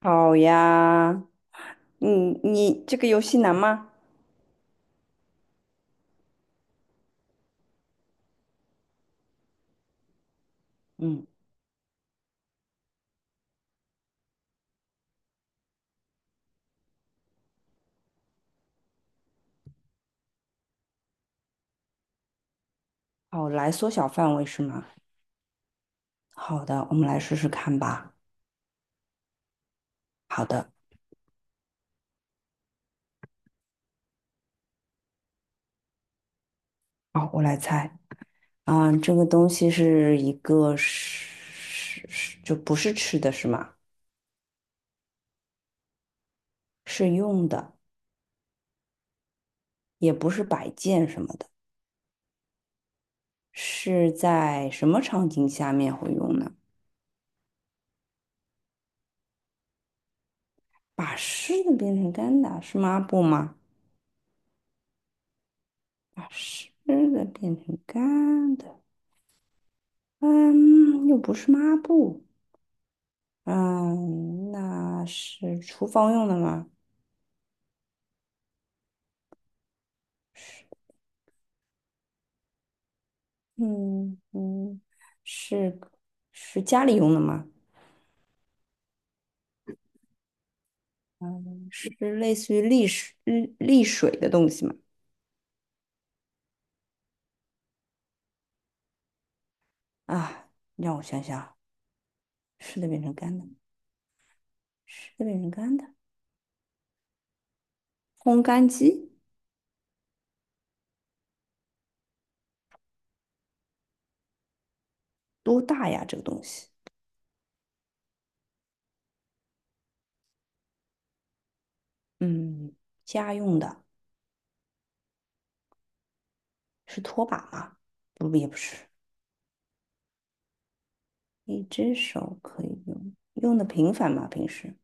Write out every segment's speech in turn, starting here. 好呀。嗯，你这个游戏难吗？嗯。哦，来缩小范围是吗？好的，我们来试试看吧。好的。好，我来猜。啊、这个东西是一个是就不是吃的是吗？是用的。也不是摆件什么的。是在什么场景下面会用呢？把湿的变成干的，是抹布吗？把湿的变成干的，嗯，又不是抹布。嗯，那是厨房用的吗？嗯嗯。是是家里用的吗？是类似于沥水的东西吗？啊，让我想想啊。湿的变成干的。湿的变成干的。烘干机多大呀？这个东西，嗯，家用的。是拖把吗？不，也不是。一只手可以用，用的频繁吗？平时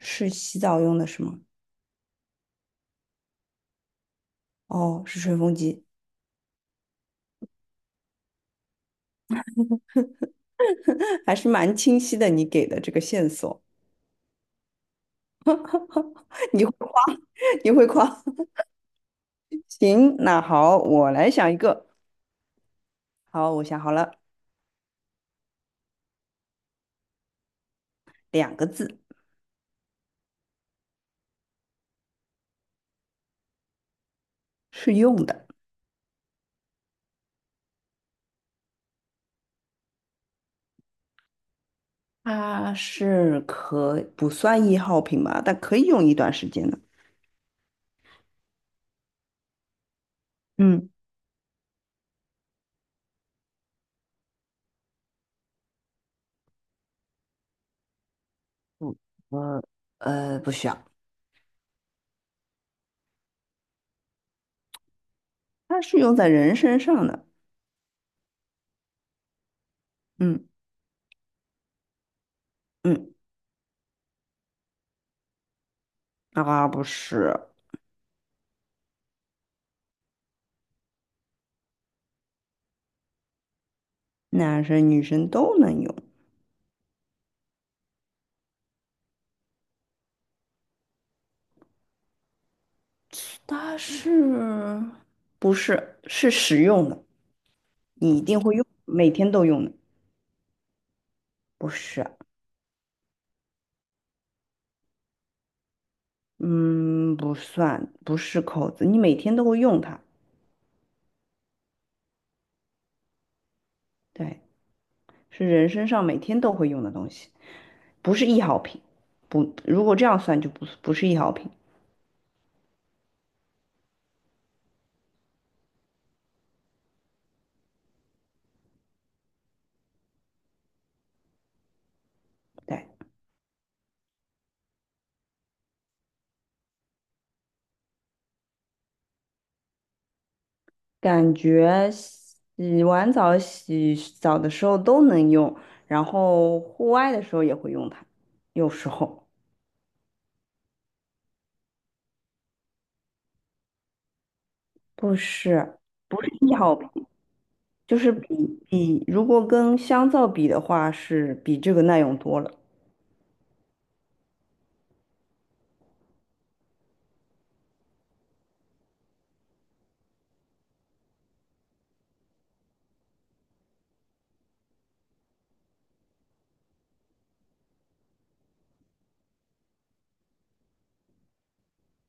是洗澡用的是吗？哦，是吹风机。还是蛮清晰的，你给的这个线索。你会夸。你会夸。行，那好，我来想一个。好，我想好了。两个字。是用的。它是可不算易耗品吧，但可以用一段时间的。嗯。不，我不需要。它是用在人身上的。嗯嗯。啊，不是。男生女生都能用。它不是实用的？你一定会用，每天都用的。不是。嗯，不算，不是口子，你每天都会用它。对，是人身上每天都会用的东西，不是易耗品。不，如果这样算就不不是易耗品。对。感觉洗完澡、洗澡的时候都能用，然后户外的时候也会用它。有时候不是不是易耗品，就是比如果跟香皂比的话，是比这个耐用多了。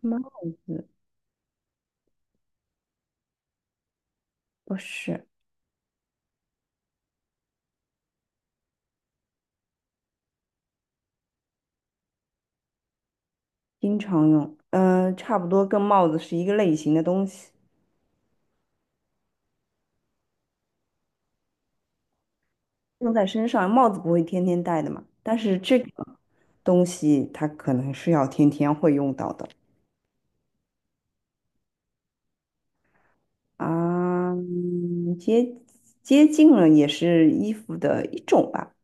帽子不是。经常用。嗯，差不多跟帽子是一个类型的东西，用在身上。帽子不会天天戴的嘛，但是这个东西它可能是要天天会用到的啊。接近了，也是衣服的一种吧，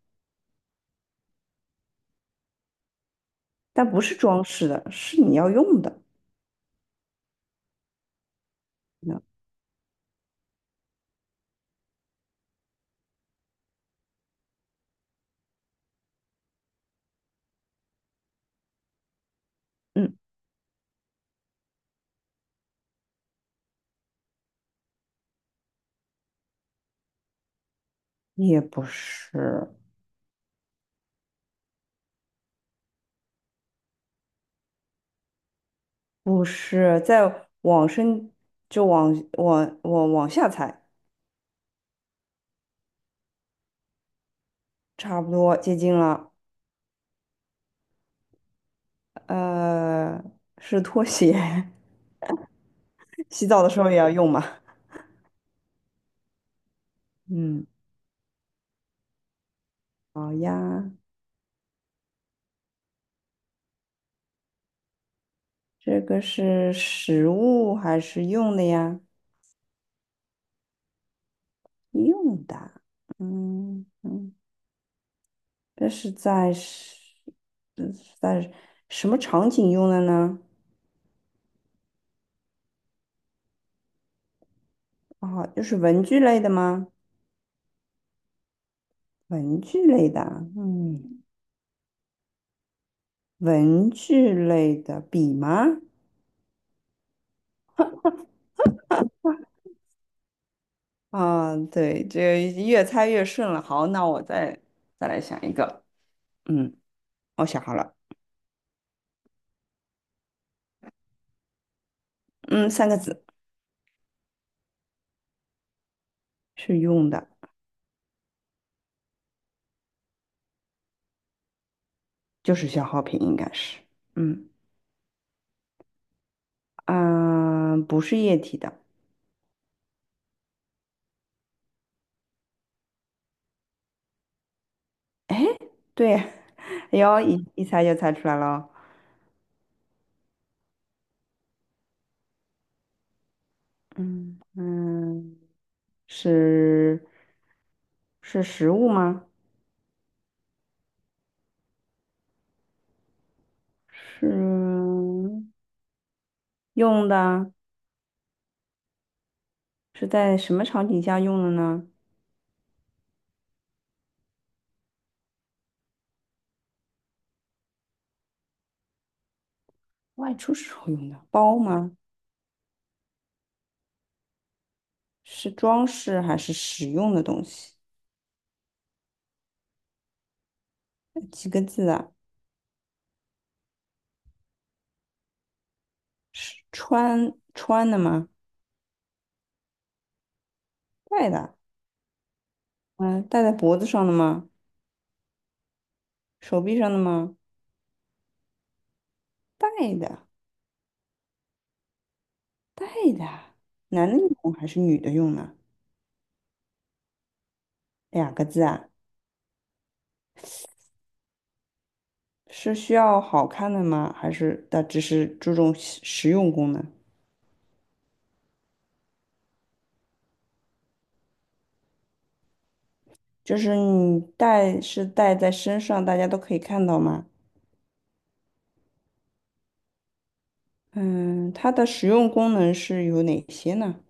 但不是装饰的，是你要用的。那嗯，也不是。不是。在往身，就往下踩。差不多接近了。呃，是拖鞋。洗澡的时候也要用嘛。嗯。好呀。这个是实物还是用的呀？用的。嗯嗯。这是在是这是在什么场景用的呢？哦，就是文具类的吗？文具类的啊，嗯，文具类的笔吗？啊，对，这越猜越顺了。好，那我再来想一个。嗯，我想好了。嗯，三个字。是用的。就是消耗品，应该是。嗯。啊、不是液体的。对。哎呦，一一猜就猜出来了哦。嗯嗯。是是食物吗？是用的。是在什么场景下用的呢？外出时候用的包吗？是装饰还是使用的东西？几个字啊？是穿的吗？戴的？嗯，戴在脖子上的吗？手臂上的吗？戴的。戴的。男的用还是女的用呢？两个字啊。是需要好看的吗？还是它只是注重实用功能？就是你戴在身上，大家都可以看到吗？嗯，它的实用功能是有哪些呢？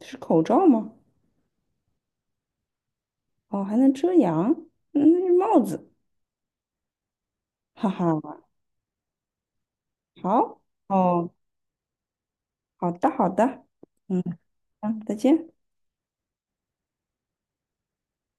是口罩吗？哦，还能遮阳。嗯，那是帽子。哈哈。好。哦，好的，好的。嗯。好，再见。